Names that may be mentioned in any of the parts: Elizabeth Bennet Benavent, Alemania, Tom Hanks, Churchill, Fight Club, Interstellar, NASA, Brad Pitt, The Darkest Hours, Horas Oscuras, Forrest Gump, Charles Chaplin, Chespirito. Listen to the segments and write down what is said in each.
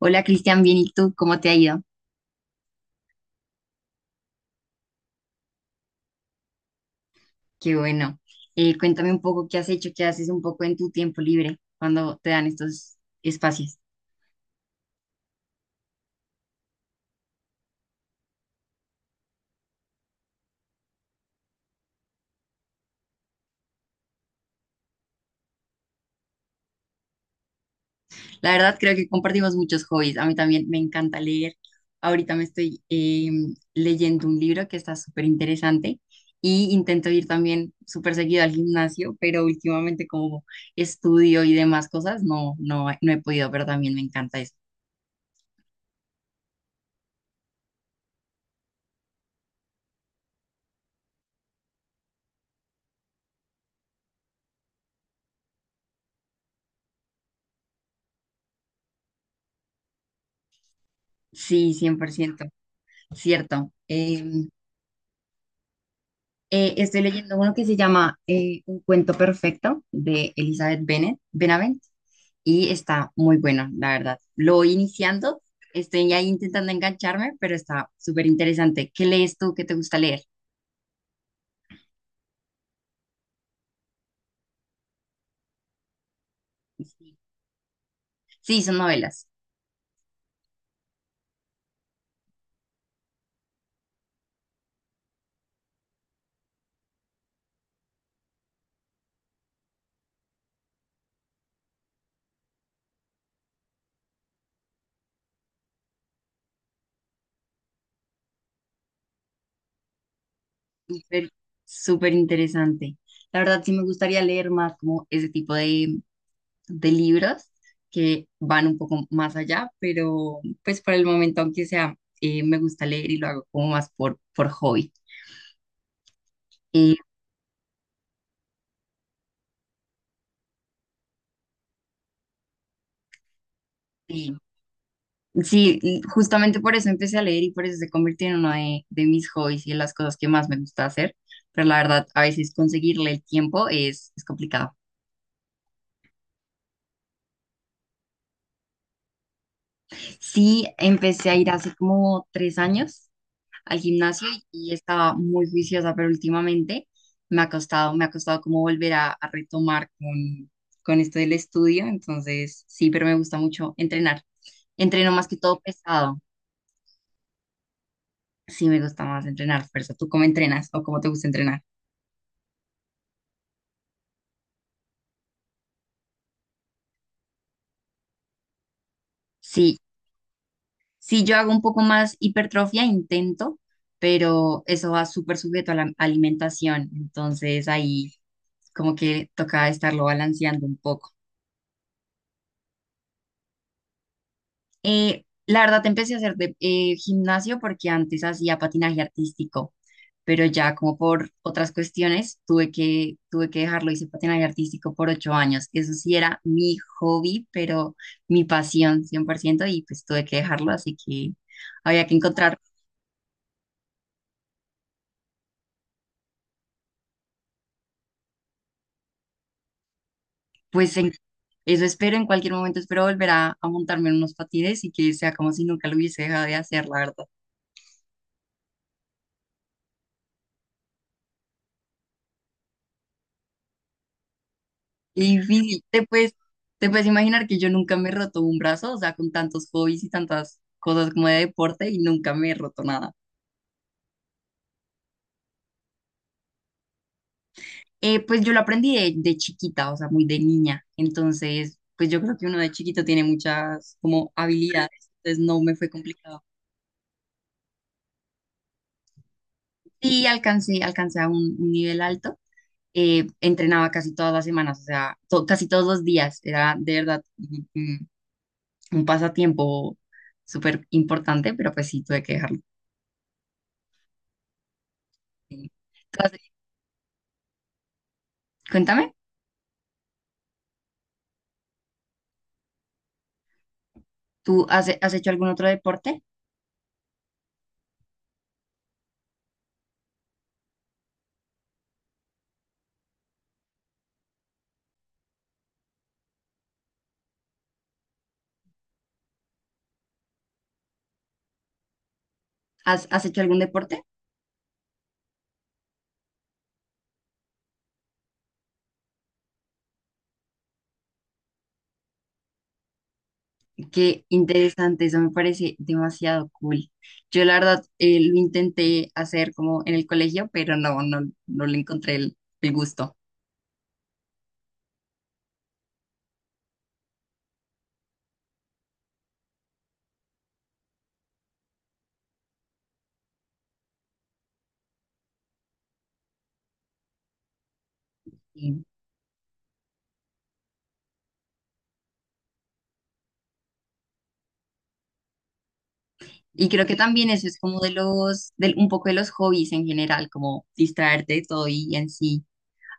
Hola Cristian, bien, ¿y tú? ¿Cómo te ha ido? Qué bueno. Cuéntame un poco qué has hecho, qué haces un poco en tu tiempo libre cuando te dan estos espacios. La verdad creo que compartimos muchos hobbies. A mí también me encanta leer. Ahorita me estoy leyendo un libro que está súper interesante y intento ir también súper seguido al gimnasio, pero últimamente como estudio y demás cosas, no he podido, pero también me encanta eso. Sí, cien por ciento, cierto. Estoy leyendo uno que se llama Un cuento perfecto de Elizabeth Bennet, Benavent, y está muy bueno, la verdad. Lo voy iniciando, estoy ahí intentando engancharme, pero está súper interesante. ¿Qué lees tú? ¿Qué te gusta leer? Sí, sí, son novelas. Súper, súper interesante. La verdad, sí me gustaría leer más como ese tipo de libros que van un poco más allá, pero pues por el momento, aunque sea, me gusta leer y lo hago como más por hobby. Eh, Sí, sí, y justamente por eso empecé a leer y por eso se convirtió en uno de mis hobbies y en las cosas que más me gusta hacer. Pero la verdad, a veces conseguirle el tiempo es complicado. Sí, empecé a ir hace como tres años al gimnasio y estaba muy juiciosa, pero últimamente me ha costado como volver a retomar con esto del estudio. Entonces, sí, pero me gusta mucho entrenar. Entreno más que todo pesado. Sí, me gusta más entrenar fuerza. ¿Tú cómo entrenas o cómo te gusta entrenar? Sí, si yo hago un poco más hipertrofia, intento, pero eso va súper sujeto a la alimentación. Entonces ahí como que toca estarlo balanceando un poco. La verdad, empecé a hacer gimnasio porque antes hacía patinaje artístico, pero ya como por otras cuestiones tuve que dejarlo. Hice patinaje artístico por ocho años. Eso sí era mi hobby, pero mi pasión 100% y pues tuve que dejarlo, así que había que encontrar, pues eso espero, en cualquier momento espero volver a montarme en unos patines y que sea como si nunca lo hubiese dejado de hacer, la verdad. Y difícil, te puedes imaginar que yo nunca me he roto un brazo, o sea, con tantos hobbies y tantas cosas como de deporte y nunca me he roto nada. Pues yo lo aprendí de chiquita, o sea, muy de niña. Entonces, pues yo creo que uno de chiquito tiene muchas como habilidades, entonces no me fue complicado. Sí, alcancé, alcancé a un nivel alto, entrenaba casi todas las semanas, o sea, casi todos los días. Era de verdad un pasatiempo súper importante, pero pues sí, tuve que dejarlo. ¿Tú has- Cuéntame, ¿tú has hecho algún otro deporte? Has hecho algún deporte? Qué interesante, eso me parece demasiado cool. Yo la verdad lo intenté hacer como en el colegio, pero no le encontré el gusto. Y, y creo que también eso es como de los, del un poco de los hobbies en general, como distraerte de todo y en sí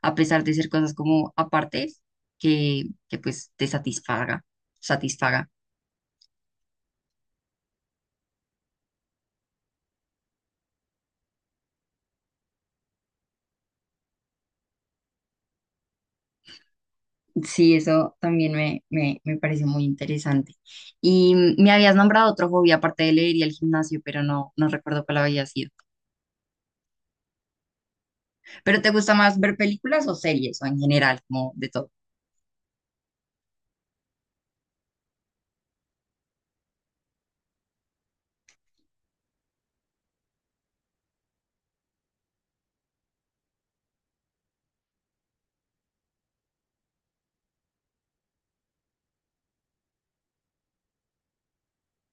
a pesar de ser cosas como apartes, que pues te satisfaga, satisfaga. Sí, eso también me parece muy interesante. Y mm, me habías nombrado otro hobby aparte de leer y el gimnasio, pero no recuerdo cuál había sido. ¿Pero te gusta más ver películas o series o en general, como de todo?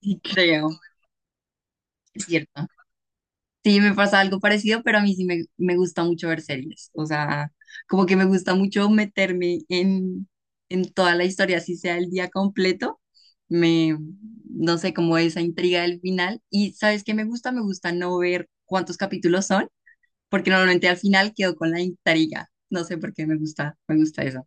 Sí, creo, es cierto. Sí, me pasa algo parecido, pero a mí sí me gusta mucho ver series. O sea, como que me gusta mucho meterme en toda la historia, así sea el día completo. Me, no sé, como esa intriga del final. Y ¿sabes qué me gusta? Me gusta no ver cuántos capítulos son, porque normalmente al final quedo con la intriga. No sé por qué me gusta eso.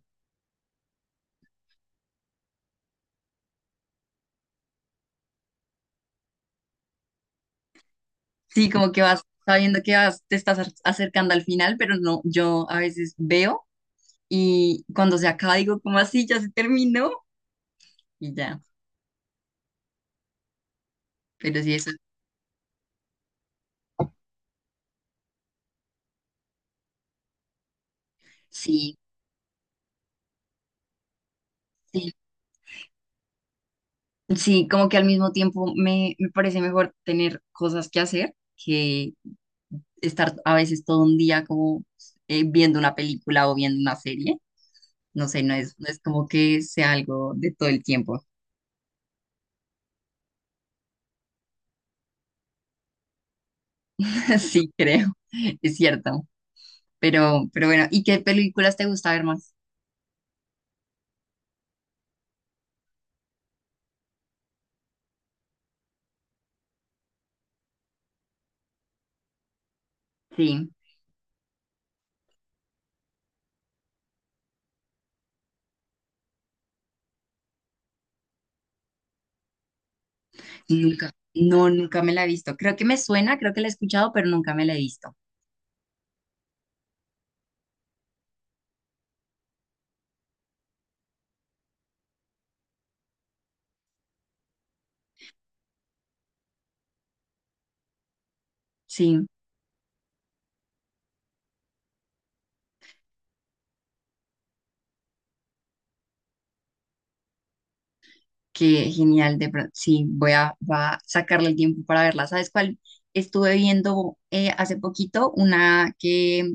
Sí, como que vas sabiendo que vas, te estás acercando al final, pero no, yo a veces veo y cuando se acaba digo, como así? Ya se terminó y ya. Pero sí, eso, sí, sí, sí, como que al mismo tiempo me parece mejor tener cosas que hacer que estar a veces todo un día como viendo una película o viendo una serie. No sé, no es como que sea algo de todo el tiempo. Sí, creo, es cierto. Pero bueno, ¿y qué películas te gusta ver más? Sí, nunca me la he visto. Creo que me suena, creo que la he escuchado, pero nunca me la he visto. Sí. Qué genial, de pronto. Sí, va a sacarle el tiempo para verla. ¿Sabes cuál? Estuve viendo hace poquito una que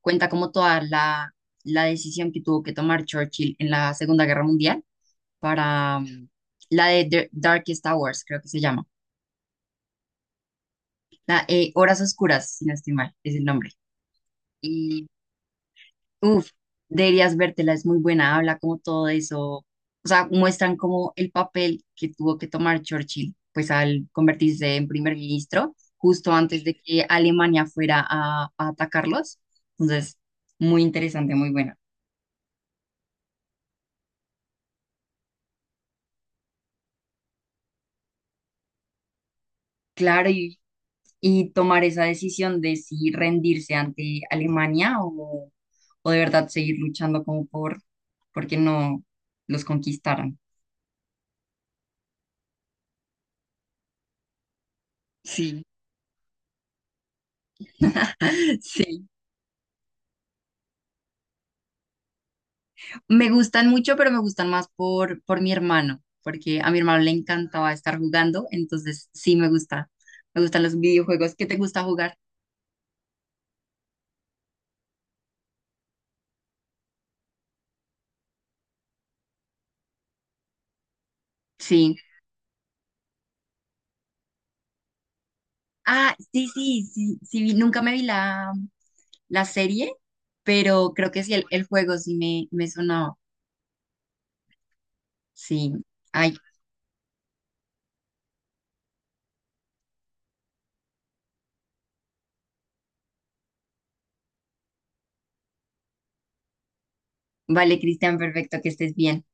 cuenta como toda la decisión que tuvo que tomar Churchill en la Segunda Guerra Mundial para mm, la de The Darkest Hours, creo que se llama. La, Horas Oscuras, si no estoy mal, es el nombre. Uf, deberías vértela, es muy buena, habla como todo eso, o sea, muestran como el papel que tuvo que tomar Churchill, pues al convertirse en primer ministro, justo antes de que Alemania fuera a atacarlos. Entonces, muy interesante, muy buena. Claro, y tomar esa decisión de si rendirse ante Alemania o de verdad seguir luchando como porque no los conquistaran. Sí, sí. Me gustan mucho, pero me gustan más por mi hermano, porque a mi hermano le encantaba estar jugando, entonces sí me gusta. Me gustan los videojuegos. ¿Qué te gusta jugar? Sí. Ah, sí, sí, sí, sí, nunca me vi la serie, pero creo que sí, el juego sí me sonaba. Sí. Ay, vale, Cristian, perfecto, que estés bien.